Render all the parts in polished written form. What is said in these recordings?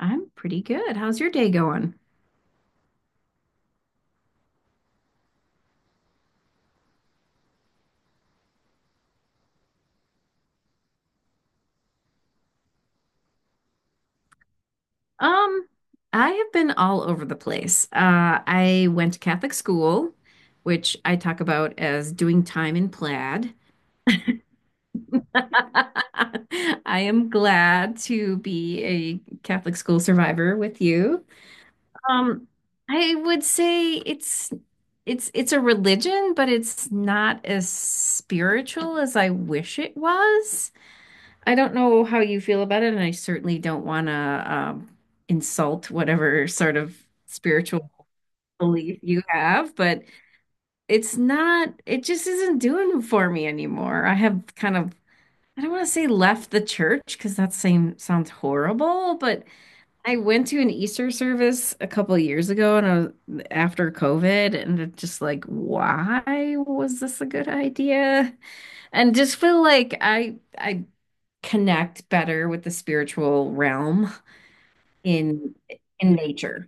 I'm pretty good. How's your day going? Um, I have been all over the place. I went to Catholic school, which I talk about as doing time in plaid. I am glad to be a Catholic school survivor with you. Um, I would say it's a religion, but it's not as spiritual as I wish it was. I don't know how you feel about it, and I certainly don't want to insult whatever sort of spiritual belief you have, but it's not, it just isn't doing it for me anymore. I have kind of, I don't want to say left the church because that same sounds horrible, but I went to an Easter service a couple of years ago and I was, after COVID, and it's just like, why was this a good idea? And just feel like I connect better with the spiritual realm in in nature.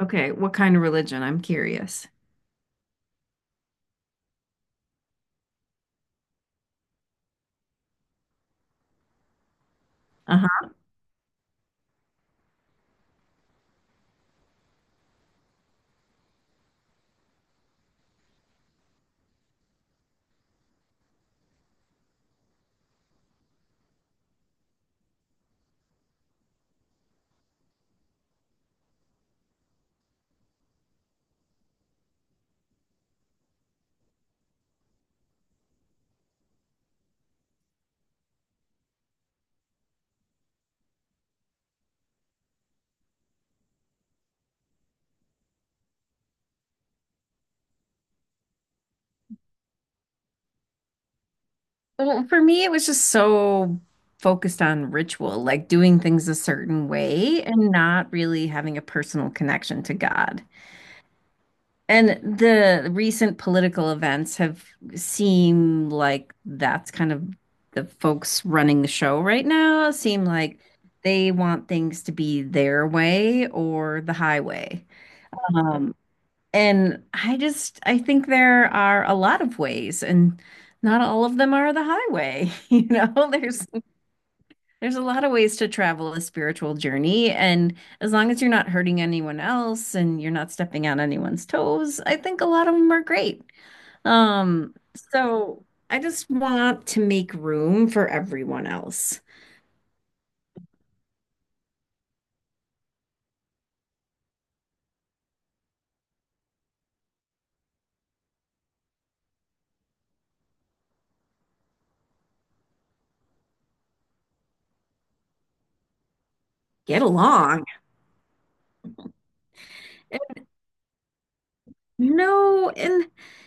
Okay, what kind of religion? I'm curious. Uh-huh. Well, for me, it was just so focused on ritual, like doing things a certain way and not really having a personal connection to God. And the recent political events have seemed like that's kind of the folks running the show right now seem like they want things to be their way or the highway. Um, and I just I think there are a lot of ways, and not all of them are the highway. You know, there's a lot of ways to travel a spiritual journey, and as long as you're not hurting anyone else and you're not stepping on anyone's toes, I think a lot of them are great. Um, so I just want to make room for everyone else. Get along. No, and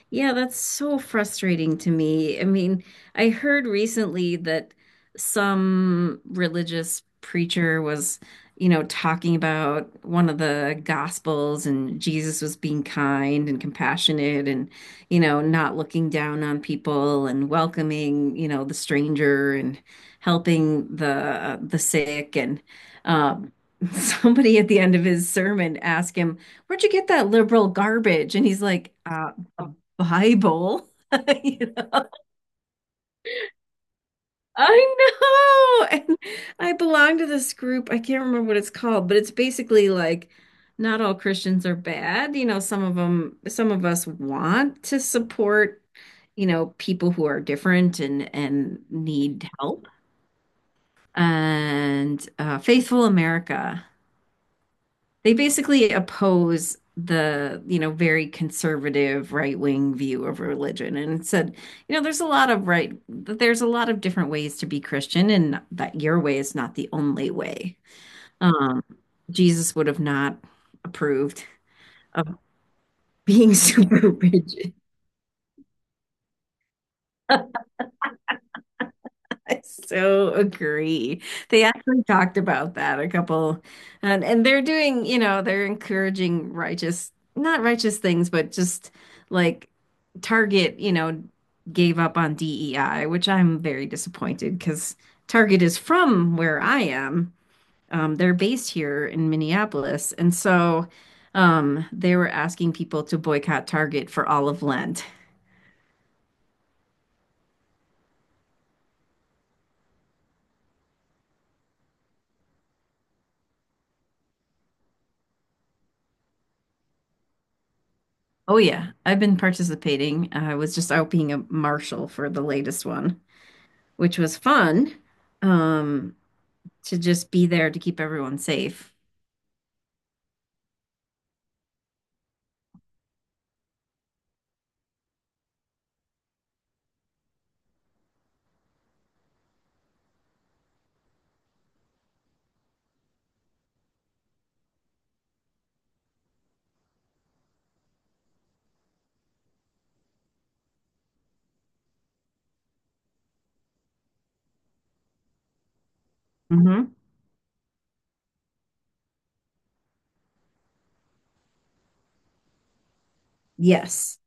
yeah, that's so frustrating to me. I mean, I heard recently that some religious preacher was, you know, talking about one of the gospels and Jesus was being kind and compassionate and, you know, not looking down on people and welcoming, you know, the stranger and helping the sick and um somebody at the end of his sermon asked him where'd you get that liberal garbage? And he's like, a Bible. You know? I know. And I belong to this group. I can't remember what it's called, but it's basically like not all Christians are bad. You know, some of them, some of us want to support, you know, people who are different and need help. And Faithful America. They basically oppose the, you know, very conservative right-wing view of religion and it said, you know, there's a lot of right, there's a lot of different ways to be Christian and that your way is not the only way. Um, Jesus would have not approved of being super rigid. I so agree. They actually talked about that a couple, and they're doing, you know, they're encouraging righteous, not righteous things, but just like Target, you know, gave up on DEI, which I'm very disappointed because Target is from where I am, they're based here in Minneapolis. And so they were asking people to boycott Target for all of Lent. Oh, yeah. I've been participating. I was just out being a marshal for the latest one, which was fun um, to just be there to keep everyone safe. Hmm. Yes.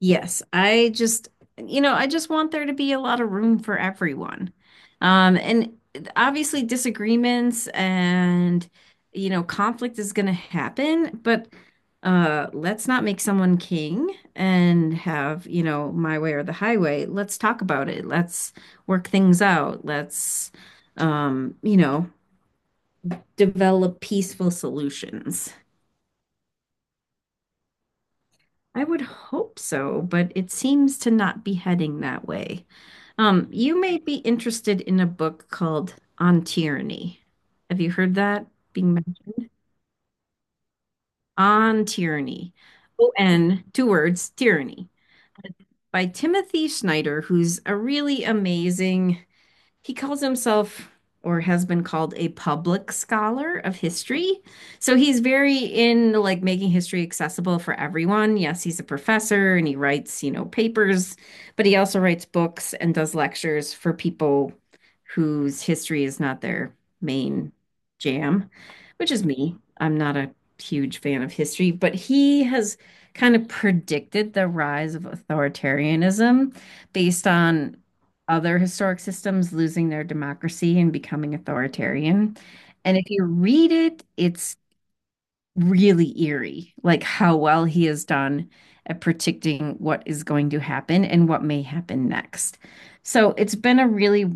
Yes, I just, you know, I just want there to be a lot of room for everyone. And obviously disagreements and, you know, conflict is going to happen, but let's not make someone king and have, you know, my way or the highway. Let's talk about it. Let's work things out. Let's, you know, develop peaceful solutions. I would hope so, but it seems to not be heading that way. You may be interested in a book called On Tyranny. Have you heard that being mentioned? On Tyranny. O-N, two words, Tyranny, by Timothy Snyder, who's a really amazing he calls himself or has been called a public scholar of history. So he's very in like making history accessible for everyone. Yes, he's a professor and he writes, you know, papers, but he also writes books and does lectures for people whose history is not their main jam, which is me. I'm not a huge fan of history, but he has kind of predicted the rise of authoritarianism based on other historic systems losing their democracy and becoming authoritarian. And if you read it, it's really eerie, like how well he has done at predicting what is going to happen and what may happen next. So it's been a really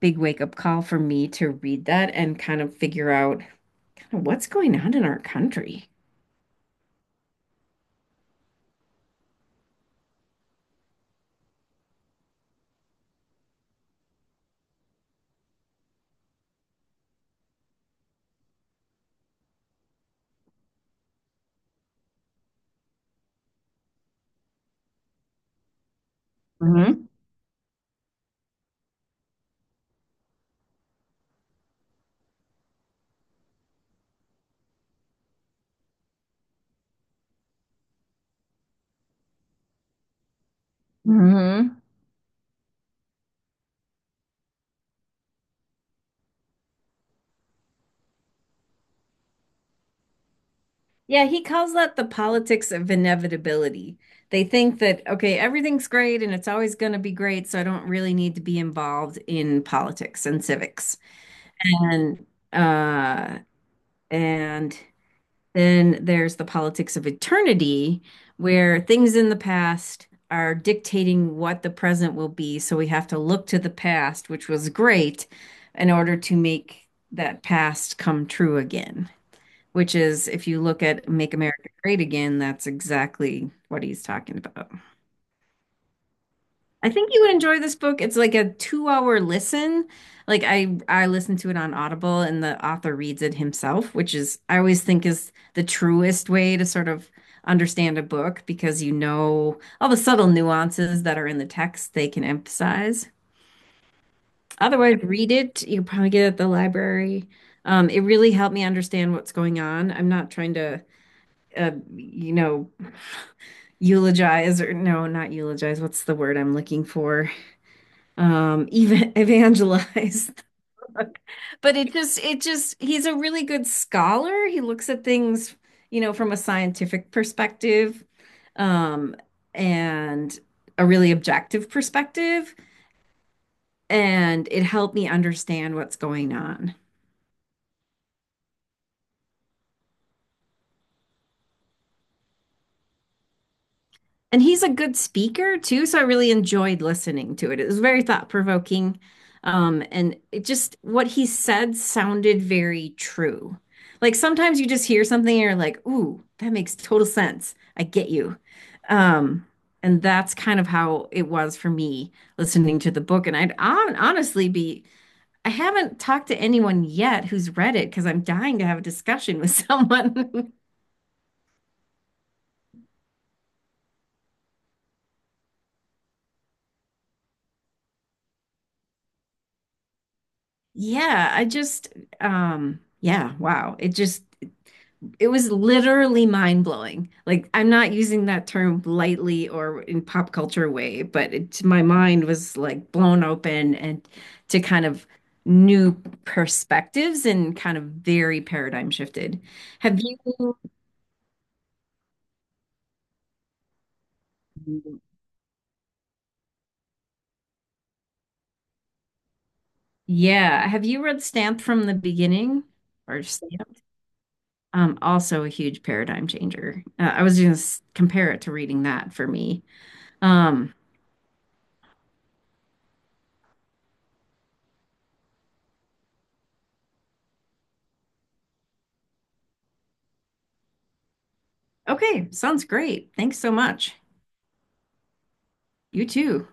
big wake-up call for me to read that and kind of figure out kind of what's going on in our country. Hmm. Yeah, he calls that the politics of inevitability. They think that, okay, everything's great and it's always going to be great, so I don't really need to be involved in politics and civics. And uh and then there's the politics of eternity where things in the past are dictating what the present will be, so we have to look to the past, which was great, in order to make that past come true again, which is if you look at Make America Great Again, that's exactly what he's talking about. I think you would enjoy this book. It's like a two-hour listen. Like I listened to it on Audible and the author reads it himself, which is I always think is the truest way to sort of understand a book because you know all the subtle nuances that are in the text they can emphasize. Otherwise, read it. You can probably get it at the library. It really helped me understand what's going on. I'm not trying to, you know, eulogize or no, not eulogize. What's the word I'm looking for? Even evangelize. But he's a really good scholar. He looks at things, you know, from a scientific perspective, um, and a really objective perspective. And it helped me understand what's going on. And he's a good speaker too, so I really enjoyed listening to it. It was very thought-provoking. And it just what he said sounded very true. Like sometimes you just hear something and you're like, ooh, that makes total sense. I get you. Um, and that's kind of how it was for me listening to the book. And I'd hon- honestly be, I haven't talked to anyone yet who's read it because I'm dying to have a discussion with someone. Yeah, I just, yeah, wow. It was literally mind blowing. Like, I'm not using that term lightly or in pop culture way, but my mind was like blown open and to kind of new perspectives and kind of very paradigm shifted. Have you, yeah, have you read Stamped from the beginning or Stamped? Also a huge paradigm changer. I was going to compare it to reading that for me. Um, okay, sounds great. Thanks so much. You too.